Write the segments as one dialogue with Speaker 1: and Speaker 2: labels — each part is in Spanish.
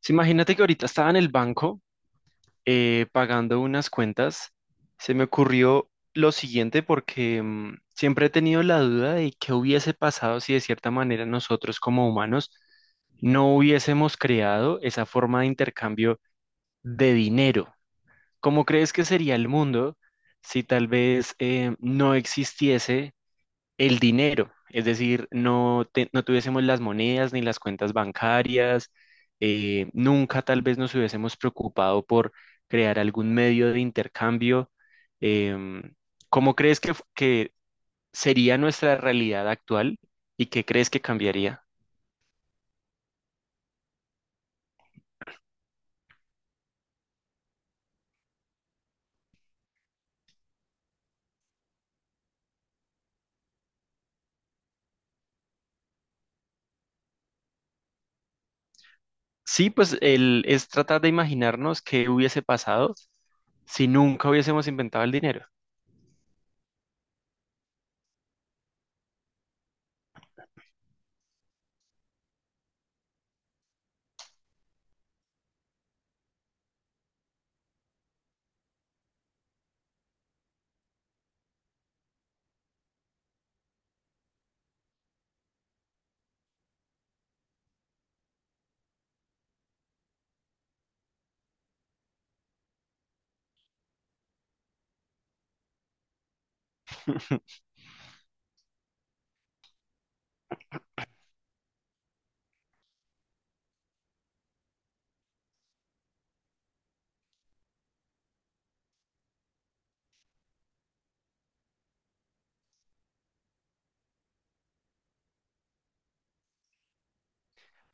Speaker 1: Sí, imagínate que ahorita estaba en el banco pagando unas cuentas. Se me ocurrió lo siguiente porque siempre he tenido la duda de qué hubiese pasado si de cierta manera nosotros como humanos no hubiésemos creado esa forma de intercambio de dinero. ¿Cómo crees que sería el mundo si tal vez no existiese el dinero? Es decir, no, no tuviésemos las monedas ni las cuentas bancarias, nunca tal vez nos hubiésemos preocupado por crear algún medio de intercambio. em, ¿Cómo crees que, que sería nuestra realidad actual y qué crees que cambiaría? Sí, pues el, es tratar de imaginarnos qué hubiese pasado si nunca hubiésemos inventado el dinero.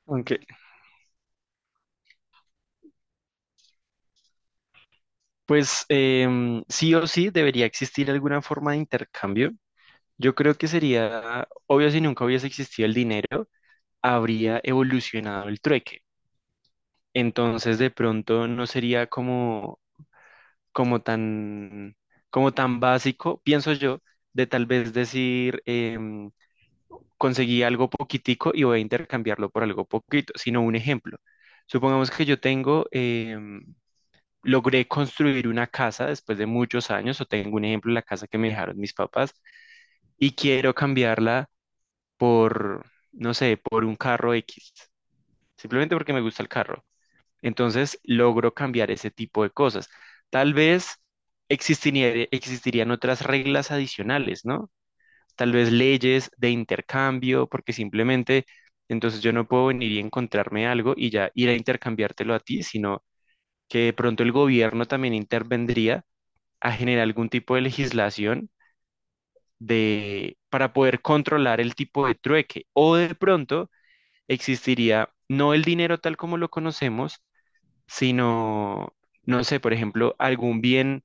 Speaker 1: Aunque, pues sí o sí debería existir alguna forma de intercambio. Yo creo que sería obvio si nunca hubiese existido el dinero, habría evolucionado el trueque. Entonces, de pronto no sería como, como tan, como tan básico, pienso yo, de tal vez decir, conseguí algo poquitico y voy a intercambiarlo por algo poquito, sino un ejemplo. Supongamos que yo tengo, logré construir una casa después de muchos años, o tengo un ejemplo, la casa que me dejaron mis papás, y quiero cambiarla por, no sé, por un carro X, simplemente porque me gusta el carro. Entonces logro cambiar ese tipo de cosas. Tal vez existirían otras reglas adicionales, ¿no? Tal vez leyes de intercambio, porque simplemente entonces yo no puedo venir y encontrarme algo y ya ir a intercambiártelo a ti, sino que de pronto el gobierno también intervendría a generar algún tipo de legislación de, para poder controlar el tipo de trueque. O de pronto existiría no el dinero tal como lo conocemos, sino, no sé, por ejemplo, algún bien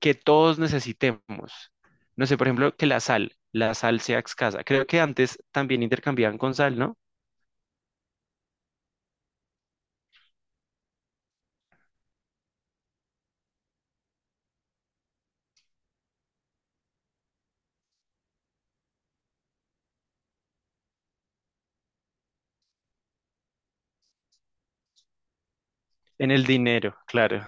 Speaker 1: que todos necesitemos. No sé, por ejemplo, que la sal sea escasa. Creo que antes también intercambiaban con sal, ¿no? En el dinero, claro.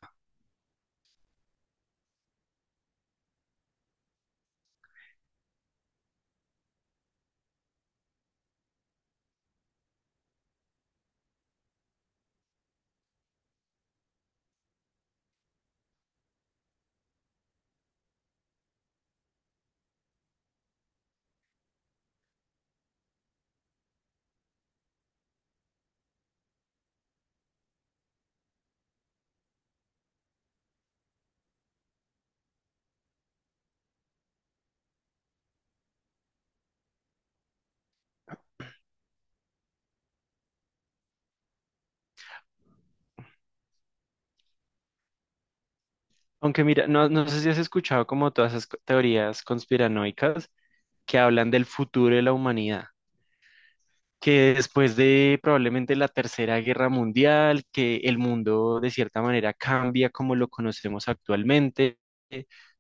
Speaker 1: Aunque mira, no, no sé si has escuchado como todas esas teorías conspiranoicas que hablan del futuro de la humanidad, que después de probablemente la Tercera Guerra Mundial, que el mundo de cierta manera cambia como lo conocemos actualmente,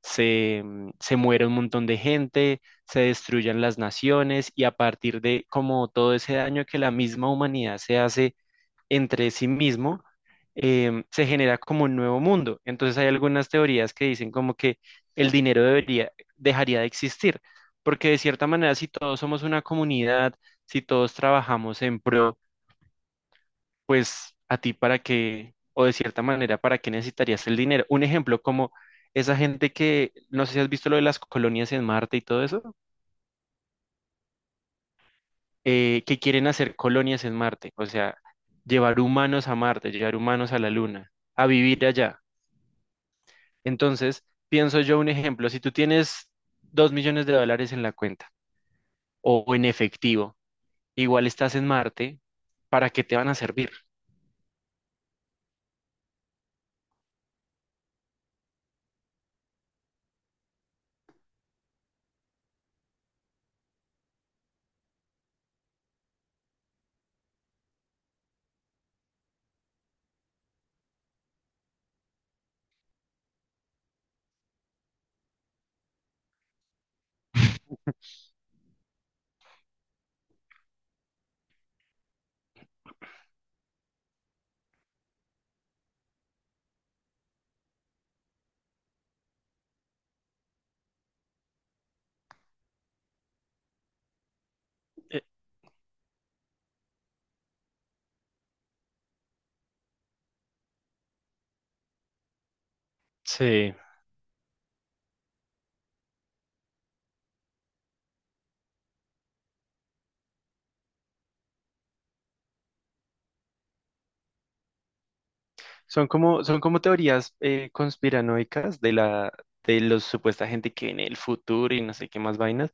Speaker 1: se, se muere un montón de gente, se destruyan las naciones y a partir de como todo ese daño que la misma humanidad se hace entre sí mismo, se genera como un nuevo mundo. Entonces hay algunas teorías que dicen como que el dinero debería, dejaría de existir, porque de cierta manera si todos somos una comunidad, si todos trabajamos en pro, pues a ti para qué, o de cierta manera, ¿para qué necesitarías el dinero? Un ejemplo como esa gente que, no sé si has visto lo de las colonias en Marte y todo eso, que quieren hacer colonias en Marte, o sea, llevar humanos a Marte, llevar humanos a la Luna, a vivir allá. Entonces, pienso yo un ejemplo, si tú tienes $2 millones en la cuenta o en efectivo, igual estás en Marte, ¿para qué te van a servir? Eh, Sí, son como teorías conspiranoicas de la, de los supuesta gente que en el futuro y no sé qué más vainas.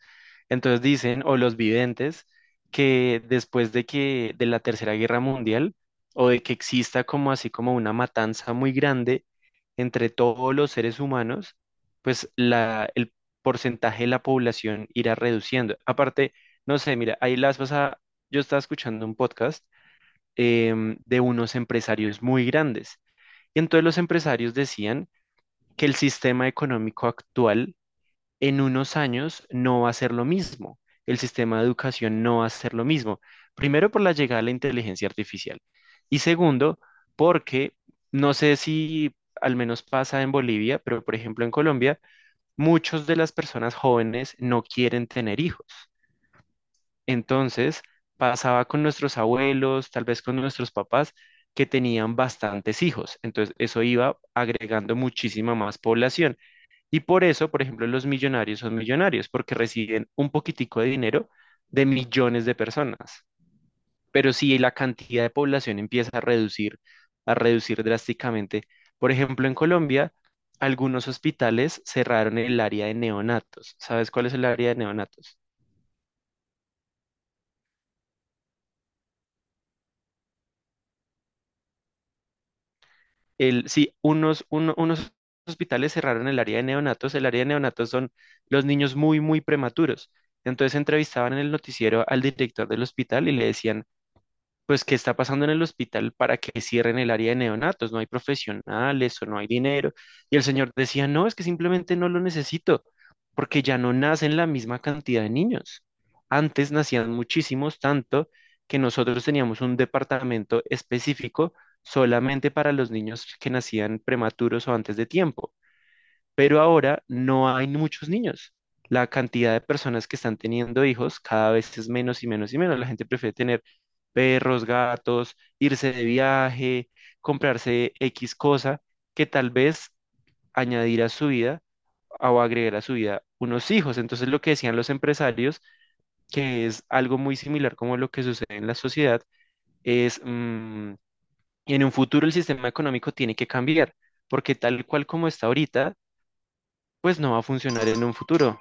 Speaker 1: Entonces dicen, o los videntes, que después de que, de la Tercera Guerra Mundial, o de que exista como así como una matanza muy grande entre todos los seres humanos, pues la, el porcentaje de la población irá reduciendo. Aparte, no sé, mira, ahí las vas a... Yo estaba escuchando un podcast de unos empresarios muy grandes. Y entonces los empresarios decían que el sistema económico actual en unos años no va a ser lo mismo. El sistema de educación no va a ser lo mismo. Primero, por la llegada de la inteligencia artificial. Y segundo, porque no sé si al menos pasa en Bolivia, pero por ejemplo en Colombia, muchas de las personas jóvenes no quieren tener hijos. Entonces, pasaba con nuestros abuelos, tal vez con nuestros papás, que tenían bastantes hijos. Entonces, eso iba agregando muchísima más población. Y por eso, por ejemplo, los millonarios son millonarios, porque reciben un poquitico de dinero de millones de personas. Pero si la cantidad de población empieza a reducir drásticamente, por ejemplo, en Colombia, algunos hospitales cerraron el área de neonatos. ¿Sabes cuál es el área de neonatos? El, sí, unos, unos hospitales cerraron el área de neonatos. El área de neonatos son los niños muy, muy prematuros. Entonces entrevistaban en el noticiero al director del hospital y le decían, pues, ¿qué está pasando en el hospital para que cierren el área de neonatos? No hay profesionales o no hay dinero. Y el señor decía, no, es que simplemente no lo necesito, porque ya no nacen la misma cantidad de niños. Antes nacían muchísimos, tanto que nosotros teníamos un departamento específico solamente para los niños que nacían prematuros o antes de tiempo, pero ahora no hay muchos niños. La cantidad de personas que están teniendo hijos cada vez es menos y menos y menos. La gente prefiere tener perros, gatos, irse de viaje, comprarse X cosa que tal vez añadir a su vida o agregar a su vida unos hijos. Entonces lo que decían los empresarios, que es algo muy similar como lo que sucede en la sociedad, es en un futuro el sistema económico tiene que cambiar, porque tal cual como está ahorita, pues no va a funcionar en un futuro.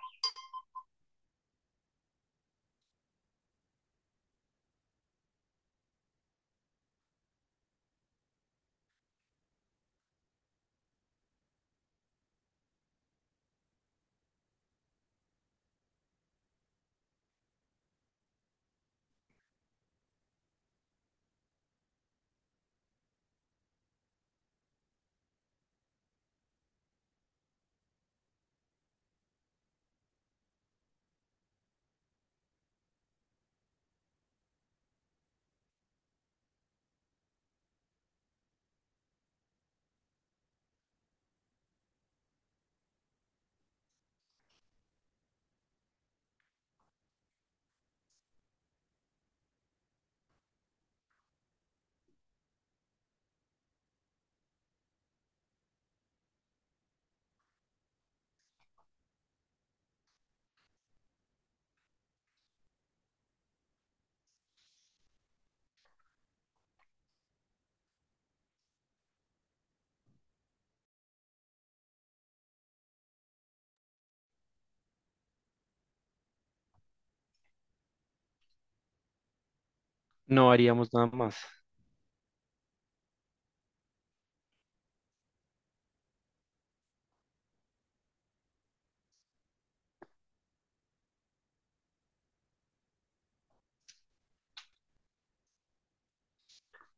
Speaker 1: No haríamos nada más.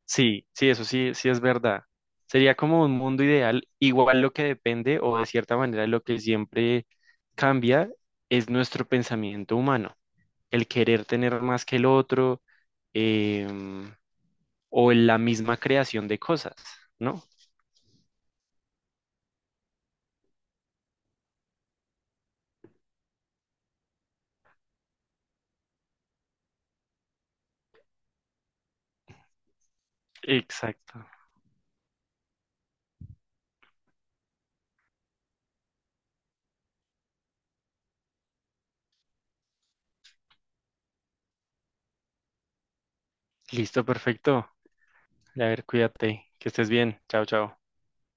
Speaker 1: Sí, sí, eso sí, sí es verdad. Sería como un mundo ideal, igual lo que depende o de cierta manera lo que siempre cambia es nuestro pensamiento humano, el querer tener más que el otro, em, o en la misma creación de cosas, ¿no? Exacto. Listo, perfecto. A ver, cuídate, que estés bien. Chao, chao.